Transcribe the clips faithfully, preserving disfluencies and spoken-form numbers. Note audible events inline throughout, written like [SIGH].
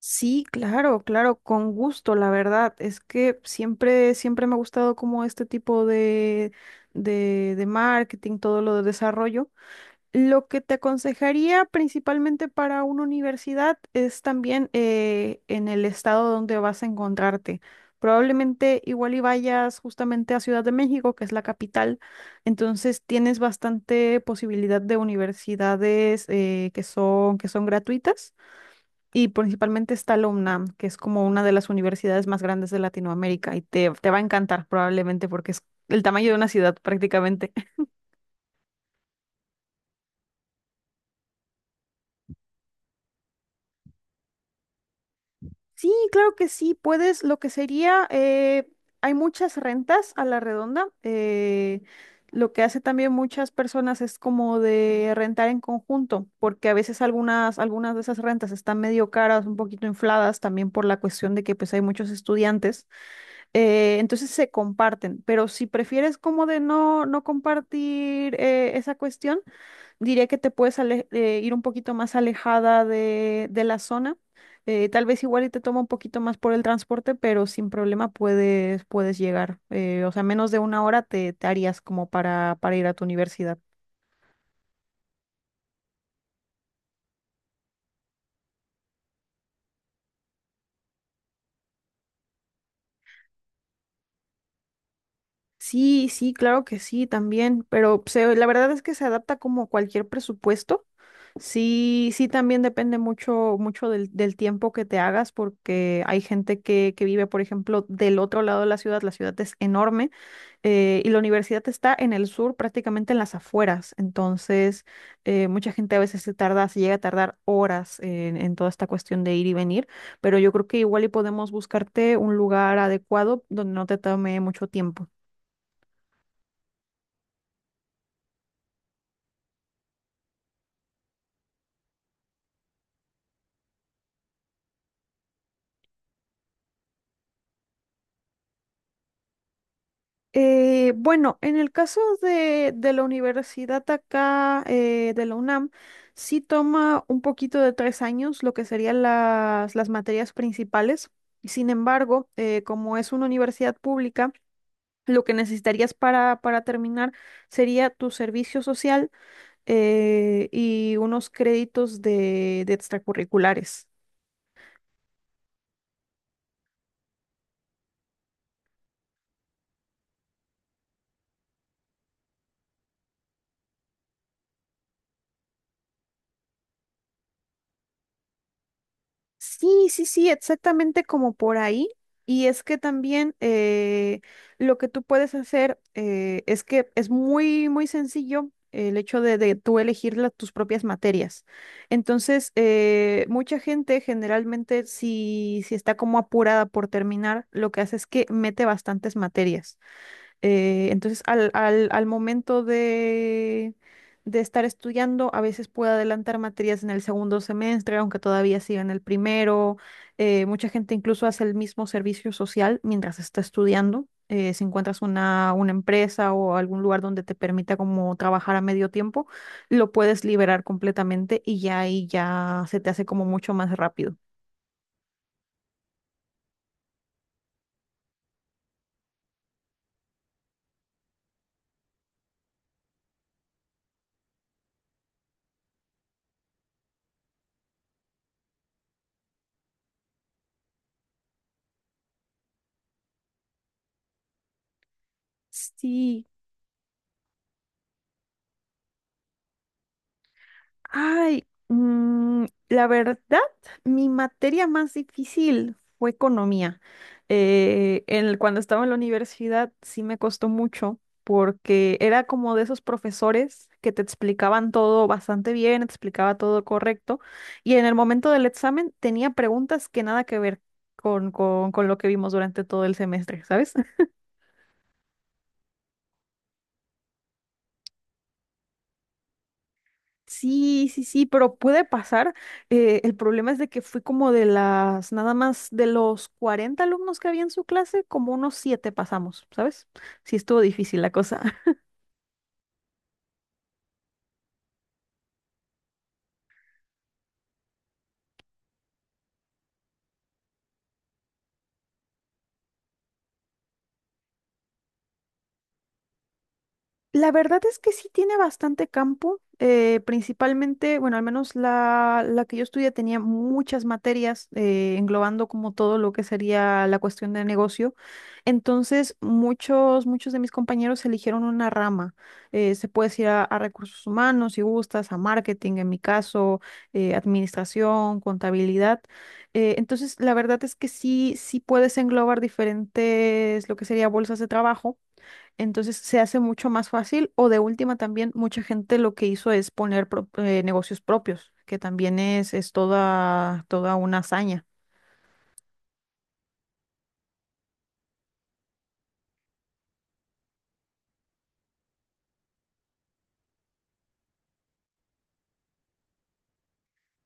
Sí, claro, claro, con gusto, la verdad. Es que siempre, siempre me ha gustado como este tipo de, de, de marketing, todo lo de desarrollo. Lo que te aconsejaría principalmente para una universidad es también eh, en el estado donde vas a encontrarte. Probablemente igual y vayas justamente a Ciudad de México, que es la capital, entonces tienes bastante posibilidad de universidades eh, que son, que son gratuitas y principalmente está la UNAM, que es como una de las universidades más grandes de Latinoamérica y te, te va a encantar probablemente porque es el tamaño de una ciudad prácticamente. [LAUGHS] Sí, claro que sí, puedes, lo que sería, eh, hay muchas rentas a la redonda. Eh, lo que hace también muchas personas es como de rentar en conjunto, porque a veces algunas, algunas de esas rentas están medio caras, un poquito infladas también por la cuestión de que pues hay muchos estudiantes. Eh, entonces se comparten, pero si prefieres como de no, no compartir eh, esa cuestión, diría que te puedes ale- eh, ir un poquito más alejada de, de la zona. Eh, tal vez igual y te toma un poquito más por el transporte, pero sin problema puedes, puedes llegar. Eh, o sea, menos de una hora te, te harías como para, para ir a tu universidad. Sí, sí, claro que sí, también, pero se- la verdad es que se adapta como cualquier presupuesto. Sí, sí, también depende mucho, mucho del, del tiempo que te hagas, porque hay gente que, que vive, por ejemplo, del otro lado de la ciudad, la ciudad es enorme, eh, y la universidad está en el sur, prácticamente en las afueras, entonces eh, mucha gente a veces se tarda, se llega a tardar horas en, en toda esta cuestión de ir y venir, pero yo creo que igual y podemos buscarte un lugar adecuado donde no te tome mucho tiempo. Eh, bueno, en el caso de, de la universidad acá, eh, de la UNAM, sí toma un poquito de tres años lo que serían las, las materias principales. Sin embargo, eh, como es una universidad pública, lo que necesitarías para, para terminar sería tu servicio social eh, y unos créditos de, de extracurriculares. Sí, sí, sí, exactamente como por ahí. Y es que también eh, lo que tú puedes hacer eh, es que es muy, muy sencillo el hecho de, de tú elegir la- tus propias materias. Entonces, eh, mucha gente generalmente si, si está como apurada por terminar, lo que hace es que mete bastantes materias. Eh, entonces, al, al, al momento de, de estar estudiando, a veces puedo adelantar materias en el segundo semestre, aunque todavía siga en el primero. Eh, mucha gente incluso hace el mismo servicio social mientras está estudiando. Eh, si encuentras una, una empresa o algún lugar donde te permita como trabajar a medio tiempo, lo puedes liberar completamente y ya ahí ya se te hace como mucho más rápido. Sí. Ay, mm, la verdad, mi materia más difícil fue economía. Eh, en el- cuando estaba en la universidad sí me costó mucho porque era como de esos profesores que te explicaban todo bastante bien, te explicaba todo correcto y en el momento del examen tenía preguntas que nada que ver con, con, con lo que vimos durante todo el semestre, ¿sabes? Sí, sí, sí, pero puede pasar. Eh, el problema es de que fui como de las, nada más de los cuarenta alumnos que había en su clase, como unos siete pasamos, ¿sabes? Sí, estuvo difícil la cosa. La verdad es que sí tiene bastante campo, eh, principalmente, bueno, al menos la, la que yo estudié tenía muchas materias eh, englobando como todo lo que sería la cuestión de negocio. Entonces, muchos, muchos de mis compañeros eligieron una rama. Eh, se puede ir a, a recursos humanos, si gustas, a marketing, en mi caso, eh, administración, contabilidad. Eh, entonces, la verdad es que sí, sí puedes englobar diferentes, lo que sería bolsas de trabajo, entonces se hace mucho más fácil o de última también mucha gente lo que hizo es poner pro- eh, negocios propios, que también es, es toda, toda una hazaña.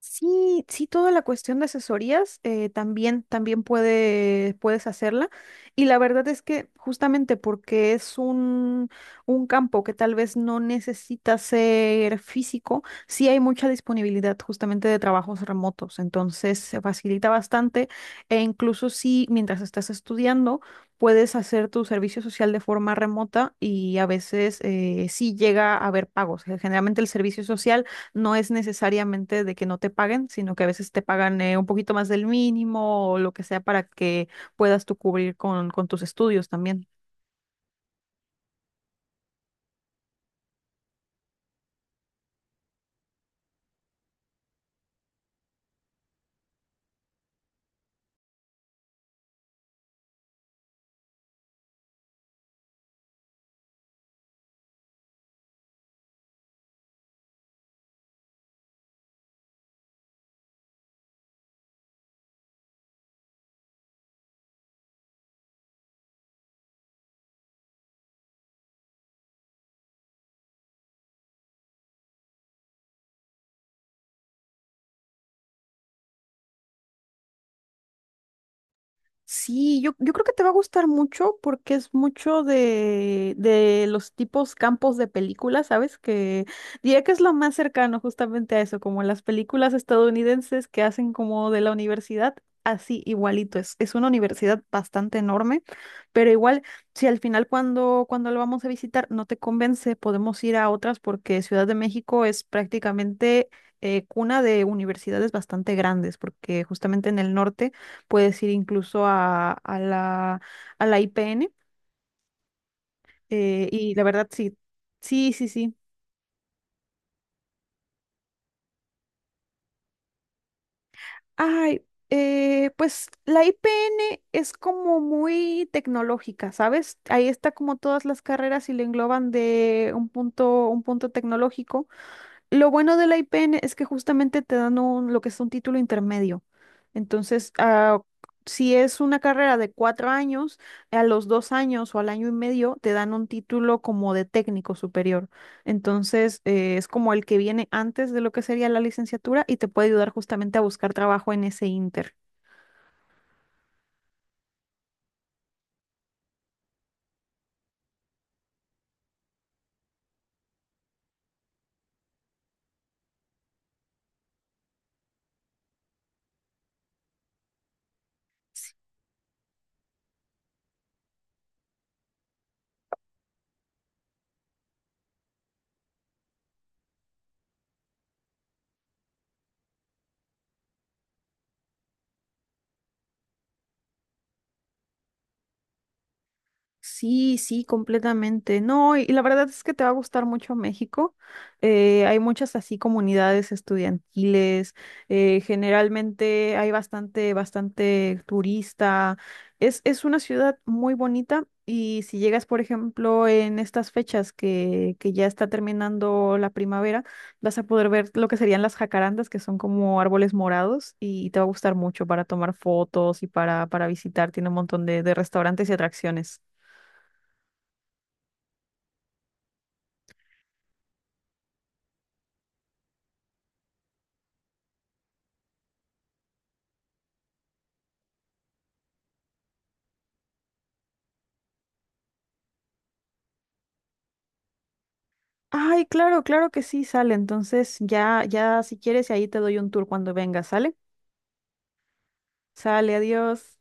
Sí, sí, toda la cuestión de asesorías eh, también, también puede, puedes hacerla. Y la verdad es que justamente porque es un, un campo que tal vez no necesita ser físico, sí hay mucha disponibilidad justamente de trabajos remotos. Entonces se facilita bastante e incluso si mientras estás estudiando puedes hacer tu servicio social de forma remota y a veces eh, sí llega a haber pagos. Eh, Generalmente el servicio social no es necesariamente de que no te paguen, sino que a veces te pagan eh, un poquito más del mínimo o lo que sea para que puedas tú cubrir con, con tus estudios también. Sí, yo, yo creo que te va a gustar mucho porque es mucho de, de los tipos campos de películas, ¿sabes? Que diría que es lo más cercano justamente a eso, como las películas estadounidenses que hacen como de la universidad, así igualito. Es, es una universidad bastante enorme, pero igual, si al final cuando, cuando lo vamos a visitar no te convence, podemos ir a otras porque Ciudad de México es prácticamente... eh, cuna de universidades bastante grandes, porque justamente en el norte puedes ir incluso a, a la, a la I P N. Eh, y la verdad, sí, sí, sí, sí. Ay, eh, pues la I P N es como muy tecnológica, ¿sabes? Ahí está como todas las carreras y le engloban de un punto, un punto tecnológico. Lo bueno de la I P N es que justamente te dan un- lo que es un título intermedio. Entonces, ah, si es una carrera de cuatro años, a los dos años o al año y medio te dan un título como de técnico superior. Entonces, eh, es como el que viene antes de lo que sería la licenciatura y te puede ayudar justamente a buscar trabajo en ese inter. Sí, sí, completamente. No, y, y la verdad es que te va a gustar mucho México. Eh, hay muchas así comunidades estudiantiles. Eh, generalmente hay bastante, bastante turista. Es, es una ciudad muy bonita y si llegas, por ejemplo, en estas fechas que, que ya está terminando la primavera, vas a poder ver lo que serían las jacarandas, que son como árboles morados, y te va a gustar mucho para tomar fotos y para, para visitar. Tiene un montón de, de restaurantes y atracciones. Ay, claro, claro que sí, sale. Entonces, ya, ya si quieres, ahí te doy un tour cuando vengas, ¿sale? Sale, adiós.